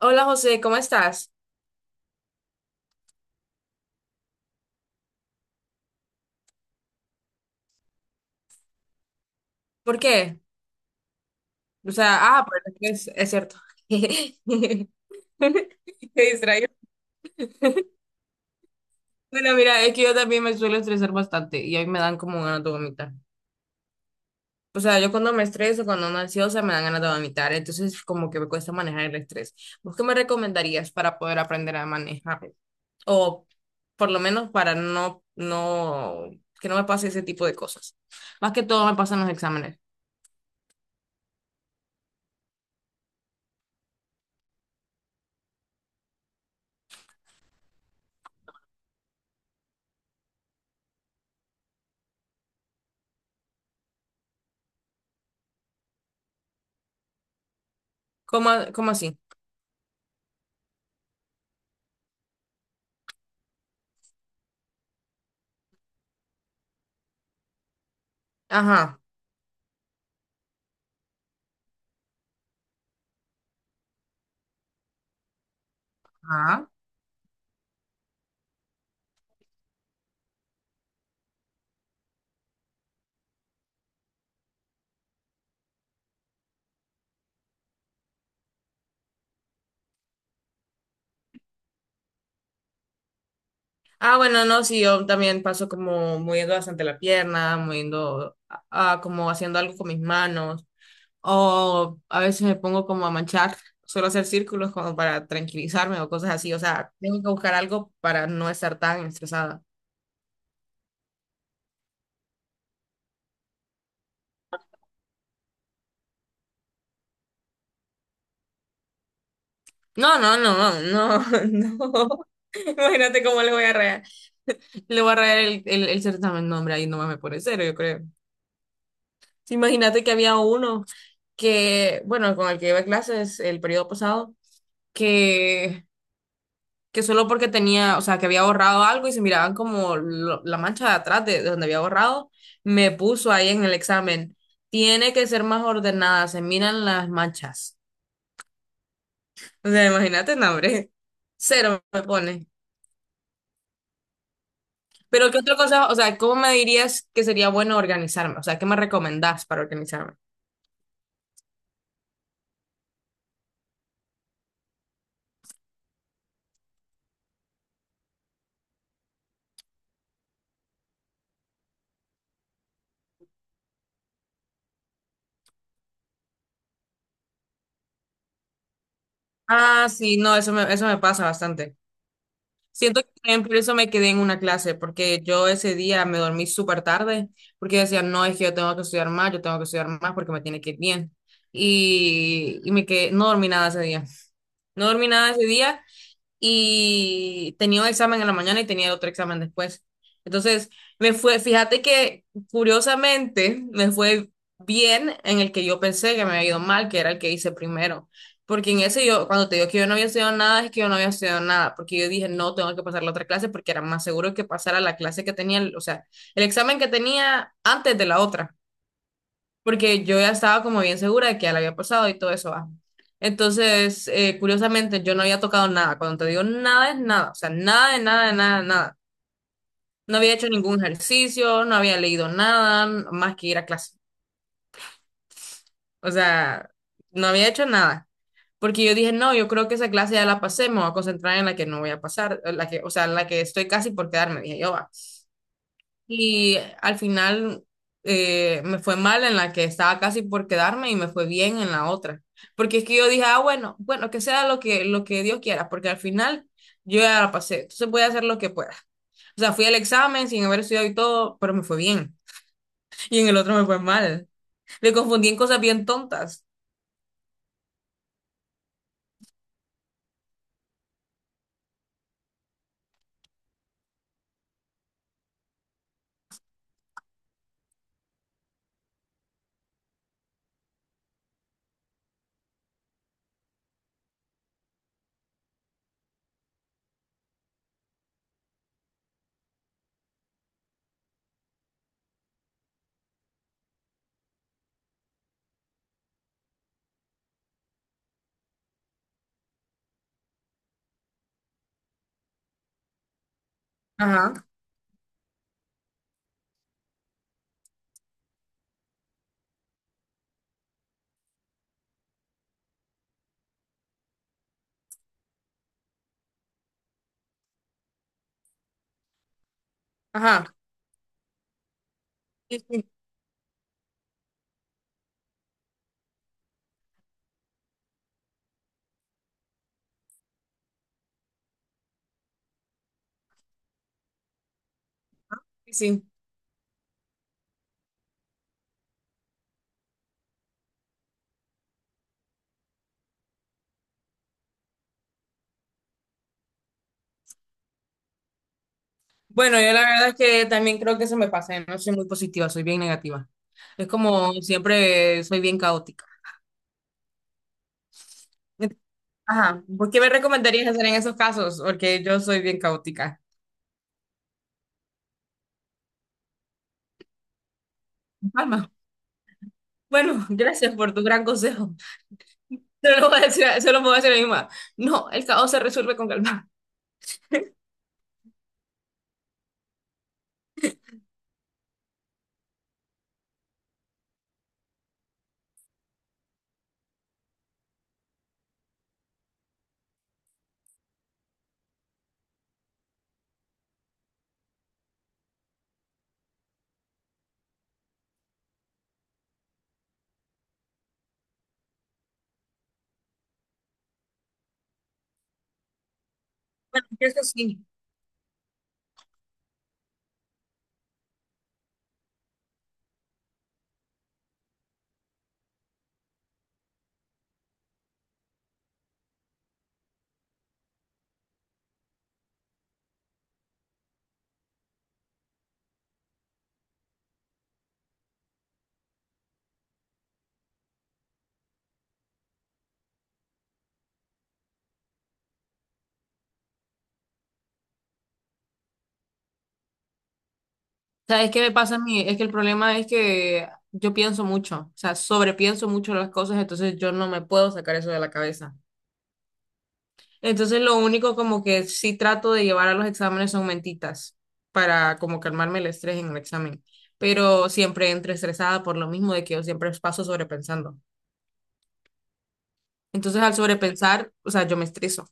Hola José, ¿cómo estás? ¿Por qué? O sea, ah, pues es cierto. Me distraigo. Bueno, mira, es que yo también me suelo estresar bastante y hoy me dan como ganas de vomitar. O sea, yo cuando me estreso, cuando ando ansiosa, me dan ganas de vomitar. Entonces, como que me cuesta manejar el estrés. ¿Vos qué me recomendarías para poder aprender a manejar? O por lo menos para que no me pase ese tipo de cosas. Más que todo me pasan los exámenes. ¿Cómo, cómo así? Ajá. Ajá. Ah, bueno, no, sí, yo también paso como moviendo bastante la pierna, moviendo, como haciendo algo con mis manos, o a veces me pongo como a manchar, suelo hacer círculos como para tranquilizarme o cosas así, o sea, tengo que buscar algo para no estar tan estresada. No, no, no, no, no, imagínate cómo le voy a rear, le voy a rear el certamen, no, hombre, ahí nomás me pone cero, yo creo. Sí, imagínate que había uno que, bueno, con el que iba a clases el periodo pasado, que... que solo porque tenía, o sea, que había borrado algo y se miraban como la mancha de atrás de donde había borrado, me puso ahí en el examen. Tiene que ser más ordenada, se miran las manchas. O sea, imagínate, no, hombre. Cero me pone. Pero ¿qué otra cosa? O sea, ¿cómo me dirías que sería bueno organizarme? O sea, ¿qué me recomendás para organizarme? Ah, sí, no, eso me pasa bastante. Siento que también por eso me quedé en una clase, porque yo ese día me dormí súper tarde, porque yo decía, no, es que yo tengo que estudiar más, yo tengo que estudiar más porque me tiene que ir bien. Y me quedé, no dormí nada ese día. No dormí nada ese día y tenía un examen en la mañana y tenía otro examen después. Entonces, me fue, fíjate que curiosamente me fue bien en el que yo pensé que me había ido mal, que era el que hice primero. Porque en ese yo, cuando te digo que yo no había estudiado nada, es que yo no había estudiado nada, porque yo dije, no, tengo que pasar la otra clase porque era más seguro que pasara la clase que tenía, o sea, el examen que tenía antes de la otra porque yo ya estaba como bien segura de que ya la había pasado y todo eso va. Entonces, curiosamente, yo no había tocado nada. Cuando te digo nada es nada, o sea, nada de nada, de nada, de nada. No había hecho ningún ejercicio, no había leído nada más que ir a clase. O sea, no había hecho nada. Porque yo dije, no, yo creo que esa clase ya la pasé, me voy a concentrar en la que no voy a pasar, en la que, o sea, en la que estoy casi por quedarme, dije yo, va. Y al final me fue mal en la que estaba casi por quedarme y me fue bien en la otra. Porque es que yo dije, ah, bueno, que sea lo que Dios quiera, porque al final yo ya la pasé, entonces voy a hacer lo que pueda. O sea, fui al examen sin haber estudiado y todo, pero me fue bien. Y en el otro me fue mal. Me confundí en cosas bien tontas. Ajá, ajá. Sí, sí, sí. Sí. Bueno, yo la verdad es que también creo que se me pasa, ¿eh? No soy muy positiva, soy bien negativa. Es como siempre soy bien caótica. Ajá, ¿por qué me recomendarías hacer en esos casos? Porque yo soy bien caótica. Palma. Bueno, gracias por tu gran consejo. Solo lo voy a decir, solo me voy a decir a mi mamá. No, el caos se resuelve con calma. Bueno, eso sí. ¿Sabes qué me pasa a mí? Es que el problema es que yo pienso mucho, o sea, sobrepienso mucho las cosas, entonces yo no me puedo sacar eso de la cabeza. Entonces lo único como que sí trato de llevar a los exámenes son mentitas para como calmarme el estrés en el examen, pero siempre entro estresada por lo mismo de que yo siempre paso sobrepensando. Entonces al sobrepensar, o sea, yo me estreso.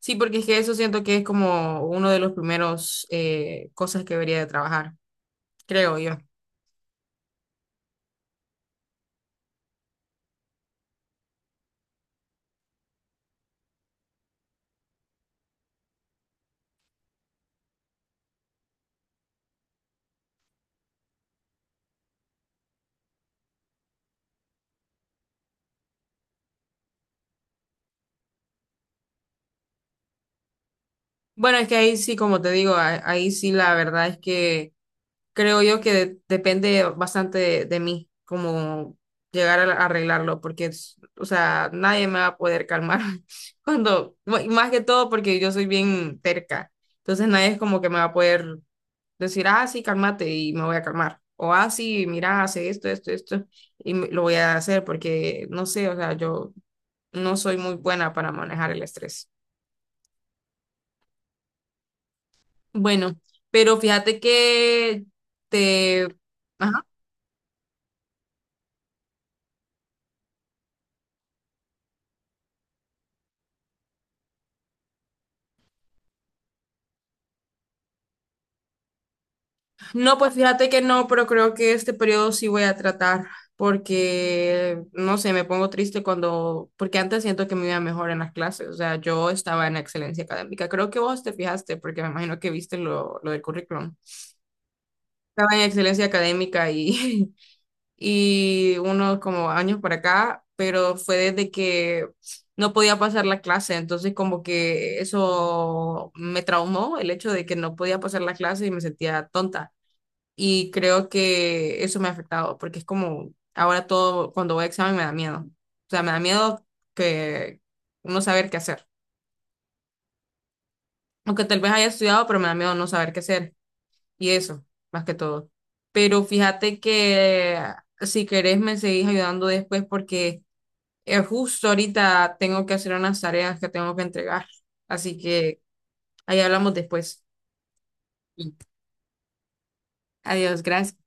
Sí, porque es que eso siento que es como uno de los primeros cosas que debería de trabajar, creo yo. Bueno, es que ahí sí, como te digo, ahí sí la verdad es que creo yo que depende bastante de mí, como llegar a arreglarlo, porque, o sea, nadie me va a poder calmar cuando, y más que todo porque yo soy bien terca, entonces nadie es como que me va a poder decir, ah, sí, cálmate y me voy a calmar, o ah, sí, mira, hace esto, esto, esto, lo voy a hacer porque, no sé, o sea, yo no soy muy buena para manejar el estrés. Bueno, pero fíjate que te... No, pues fíjate que no, pero creo que este periodo sí voy a tratar porque, no sé, me pongo triste cuando, porque antes siento que me iba mejor en las clases, o sea, yo estaba en excelencia académica, creo que vos te fijaste porque me imagino que viste lo del currículum. Estaba en excelencia académica y, y unos como años por acá, pero fue desde que no podía pasar la clase, entonces como que eso me traumó, el hecho de que no podía pasar la clase y me sentía tonta y creo que eso me ha afectado porque es como ahora todo, cuando voy a examen me da miedo. O sea, me da miedo que no saber qué hacer. Aunque tal vez haya estudiado, pero me da miedo no saber qué hacer. Y eso, más que todo. Pero fíjate que si querés me seguís ayudando después porque justo ahorita tengo que hacer unas tareas que tengo que entregar. Así que ahí hablamos después. Sí. Adiós, gracias.